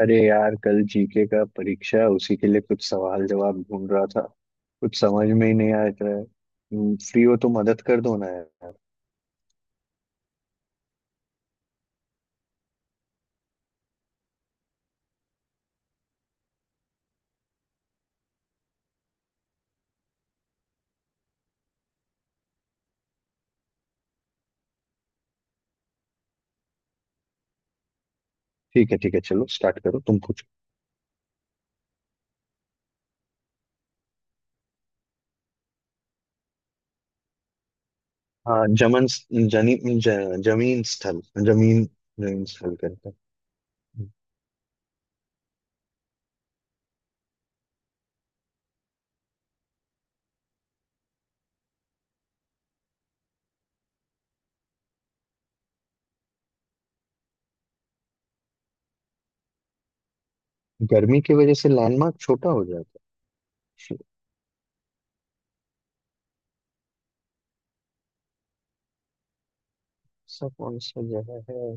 अरे यार, कल जीके का परीक्षा है, उसी के लिए कुछ सवाल जवाब ढूंढ रहा था। कुछ समझ में ही नहीं आ रहा है। फ्री हो तो मदद कर दो ना यार। ठीक है, ठीक है, चलो स्टार्ट करो, तुम पूछो। हाँ, जमन, जनी, ज, जमीन स्थल। जमीन। जमीन स्थल करता है। गर्मी की वजह से लैंडमार्क छोटा हो जाता है। ऐसा कौन सा जगह है?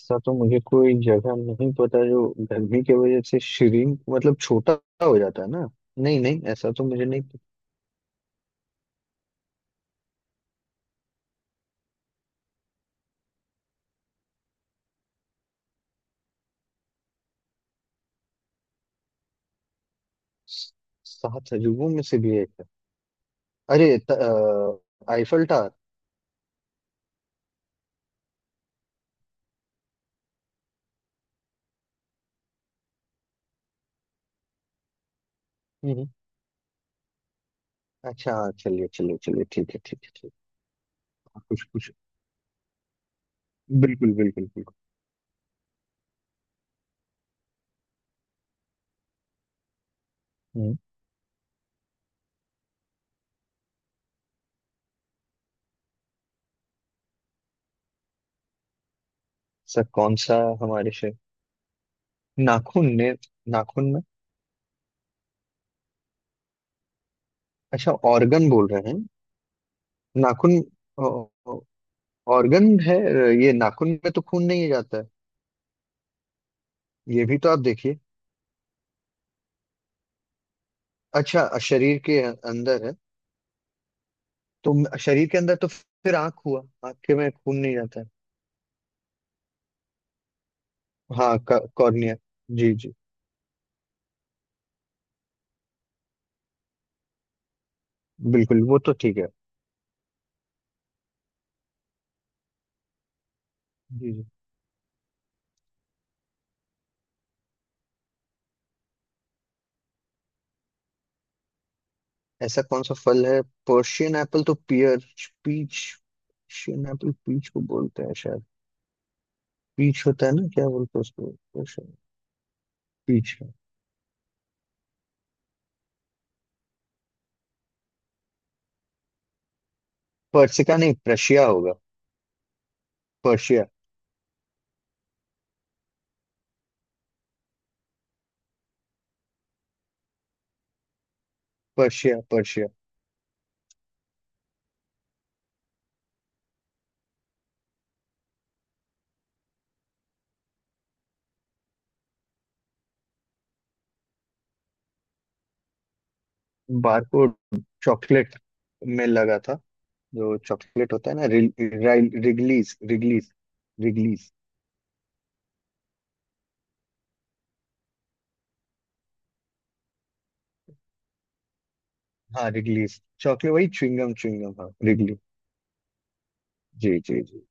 ऐसा तो मुझे कोई जगह नहीं पता जो गर्मी की वजह से श्रिंक, मतलब छोटा हो जाता है ना। नहीं, नहीं, ऐसा तो मुझे नहीं। सात अजूबों में से भी एक है? अरे, आईफल टावर। हम्म। अच्छा, हाँ, चलिए, चलिए, चलिए, ठीक है, ठीक है, ठीक है। हाँ, कुछ कुछ। बिल्कुल, बिल्कुल, बिल्कुल। हम्म, सर कौन सा? हमारे से नाखून ने। नाखून में। अच्छा, ऑर्गन बोल रहे हैं। नाखून। ऑर्गन है। ये नाखून में तो खून नहीं जाता है। ये भी तो आप देखिए। अच्छा, शरीर के अंदर है। तो शरीर के अंदर तो फिर आंख हुआ। आंख के में खून नहीं जाता है। हाँ, कॉर्निया। जी, जी। बिल्कुल, वो तो ठीक है। जी, जी। ऐसा कौन सा फल है? पर्शियन एप्पल तो pear. Peach. Persian apple peach को बोलते हैं शायद। पीच होता है ना? क्या बोलते हैं उसको? पर्शियन पीच है। पर्सिका नहीं, प्रशिया होगा। Persia, Persia, Persia. Barcode chocolate में लगा था। जो चॉकलेट होता है ना, रि, रि, रिगलीज, रिगलीज। रिगलीज। हाँ, रिगलीज चॉकलेट, वही च्युइंगम, च्युइंगम, हाँ, रिगली। जी, जी, जी।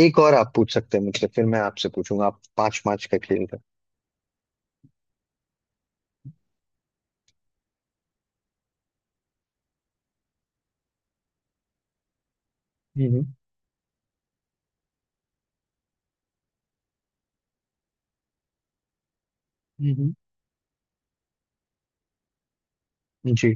एक और आप पूछ सकते हैं मुझसे, फिर मैं आपसे पूछूंगा। आप पांच पांच का खेल रहे हैं। हम्म, हम्म, जी।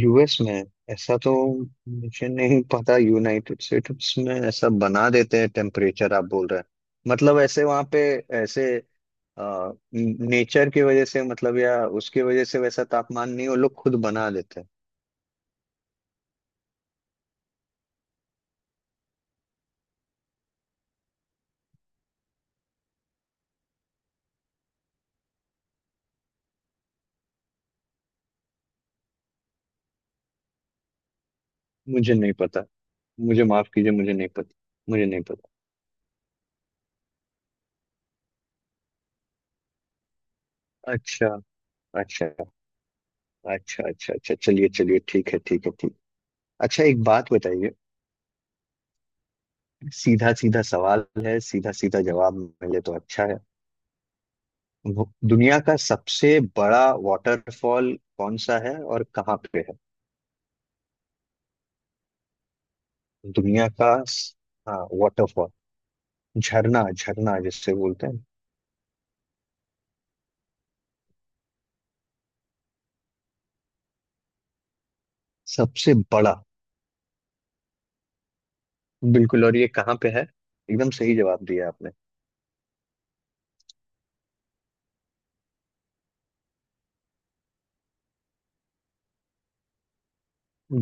यूएस में? ऐसा तो मुझे नहीं पता। यूनाइटेड स्टेट्स में ऐसा बना देते हैं टेम्परेचर, आप बोल रहे हैं मतलब? ऐसे वहां पे ऐसे नेचर की वजह से मतलब, या उसकी वजह से वैसा तापमान नहीं, वो लोग खुद बना देते हैं। मुझे नहीं पता। मुझे माफ कीजिए, मुझे नहीं पता। मुझे नहीं पता। अच्छा, अच्छा, अच्छा, अच्छा, अच्छा, चलिए, चलिए, ठीक है, ठीक है, ठीक। अच्छा, एक बात बताइए। सीधा सीधा सवाल है, सीधा सीधा जवाब मिले तो अच्छा है। दुनिया का सबसे बड़ा वाटरफॉल कौन सा है और कहाँ पे है? दुनिया का हाँ, वाटरफॉल, झरना, झरना जिससे बोलते हैं। सबसे बड़ा। बिल्कुल, और ये कहाँ पे है? एकदम सही जवाब दिया आपने।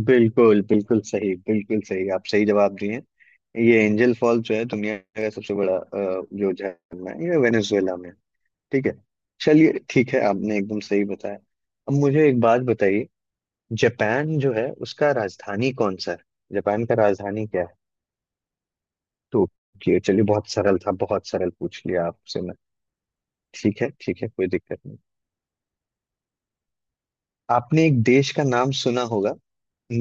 बिल्कुल, बिल्कुल सही, बिल्कुल सही। आप सही जवाब दिए हैं। ये एंजल फॉल जो है, दुनिया का सबसे बड़ा जो झरना है, ये वेनेजुएला में है। ठीक है। चलिए, ठीक है, आपने एकदम सही बताया। अब मुझे एक बात बताइए। जापान जो है, उसका राजधानी कौन सा है? जापान का राजधानी क्या है? टोक्यो, चलिए बहुत सरल था, बहुत सरल पूछ लिया आपसे मैं। ठीक है, ठीक है, कोई दिक्कत नहीं। आपने एक देश का नाम सुना होगा,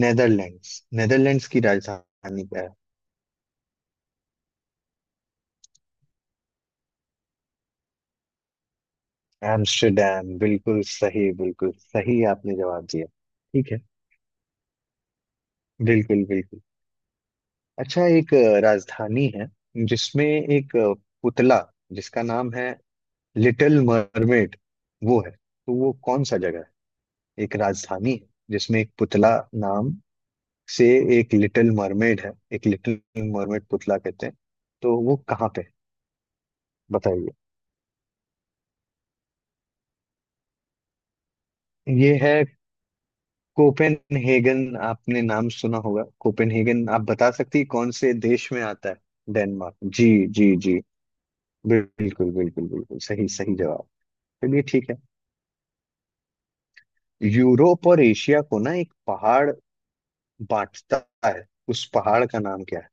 नेदरलैंड्स। नेदरलैंड्स की राजधानी क्या है? एम्स्टर्डम। बिल्कुल सही, बिल्कुल सही आपने जवाब दिया। ठीक है। बिल्कुल, बिल्कुल। अच्छा, एक राजधानी है जिसमें एक पुतला, जिसका नाम है लिटिल मरमेड। वो है तो वो कौन सा जगह है? एक राजधानी है जिसमें एक पुतला नाम से, एक लिटिल मरमेड है, एक लिटिल मरमेड पुतला कहते हैं। तो वो कहाँ पे है? बताइए। ये है कोपेनहेगन। आपने नाम सुना होगा कोपेनहेगन? आप बता सकती है कौन से देश में आता है? डेनमार्क, जी। जी, जी। बिल्कुल, बिल्कुल, बिल्कुल सही, सही जवाब। चलिए, ठीक है। यूरोप और एशिया को ना एक पहाड़ बांटता है, उस पहाड़ का नाम क्या है?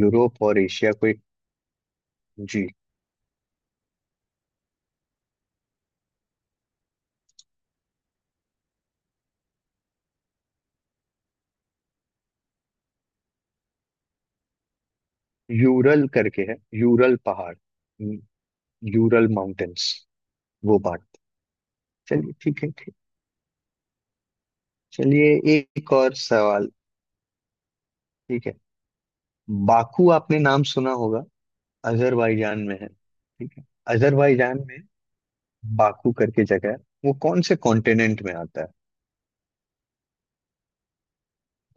यूरोप और एशिया को एक। जी, यूरल करके है, यूरल पहाड़। यू- यूरल माउंटेन्स, वो बात। चलिए, ठीक है, ठीक। चलिए, एक और सवाल। ठीक है। बाकू, आपने नाम सुना होगा, अजरबैजान में है, ठीक है? अजरबैजान में बाकू करके जगह है, वो कौन से कॉन्टिनेंट में आता है?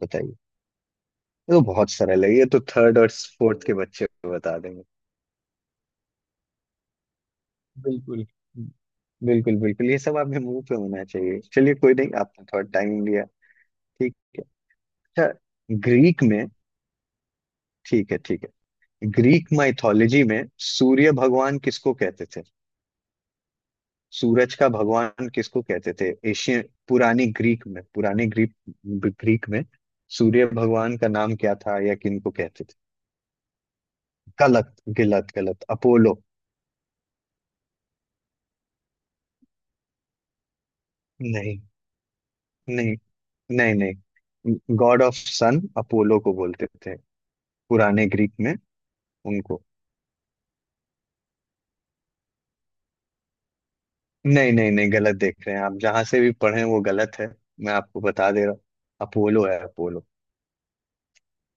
बताइए, ये तो बहुत सरल है, ये तो थर्ड और फोर्थ के बच्चे बता देंगे। बिल्कुल, बिल्कुल, बिल्कुल, ये सब आपके मुंह पे होना चाहिए। चलिए कोई नहीं, आपने थोड़ा टाइम लिया। ठीक है। अच्छा, ग्रीक में, ठीक है, ठीक है, ग्रीक माइथोलॉजी में सूर्य भगवान किसको कहते थे? सूरज का भगवान किसको कहते थे एशियन? पुरानी ग्रीक में, पुराने ग्रीक, ग्रीक में सूर्य भगवान का नाम क्या था या किनको कहते थे? गलत, गलत, गलत, अपोलो। नहीं, नहीं, नहीं, नहीं, गॉड ऑफ सन अपोलो को बोलते थे। पुराने ग्रीक में, उनको। नहीं, नहीं, नहीं, गलत देख रहे हैं आप, जहां से भी पढ़े वो गलत है। मैं आपको बता दे रहा हूँ, अपोलो है, अपोलो।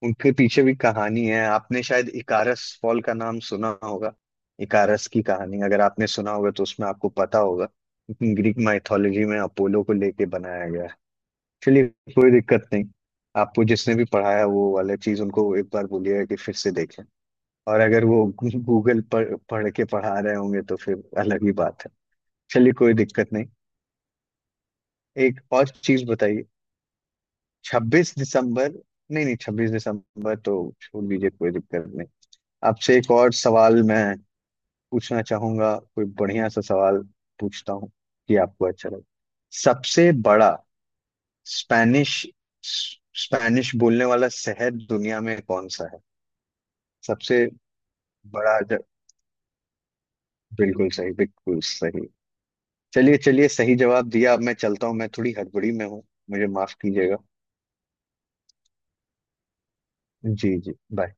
उनके पीछे भी कहानी है, आपने शायद इकारस फॉल का नाम सुना होगा। इकारस की कहानी अगर आपने सुना होगा तो उसमें आपको पता होगा, लेकिन ग्रीक माइथोलॉजी में अपोलो को लेके बनाया गया है। चलिए, कोई दिक्कत नहीं। आपको जिसने भी पढ़ाया, वो वाला चीज उनको एक बार बोलिएगा कि फिर से देखें। और अगर वो गूगल पर पढ़ के पढ़ा रहे होंगे तो फिर अलग ही बात है। चलिए, कोई दिक्कत नहीं। एक और चीज बताइए। 26 दिसंबर, नहीं नहीं, 26 दिसंबर तो छोड़ दीजिए, कोई दिक्कत नहीं। आपसे एक और सवाल मैं पूछना चाहूंगा, कोई बढ़िया सा सवाल पूछता हूँ कि आपको अच्छा लगे। सबसे बड़ा स्पेनिश, स्पेनिश बोलने वाला शहर दुनिया में कौन सा है? सबसे बड़ा। बिल्कुल सही, बिल्कुल सही। चलिए, चलिए, सही जवाब दिया। अब मैं चलता हूँ, मैं थोड़ी हड़बड़ी में हूँ। मुझे माफ कीजिएगा। जी, जी, बाय।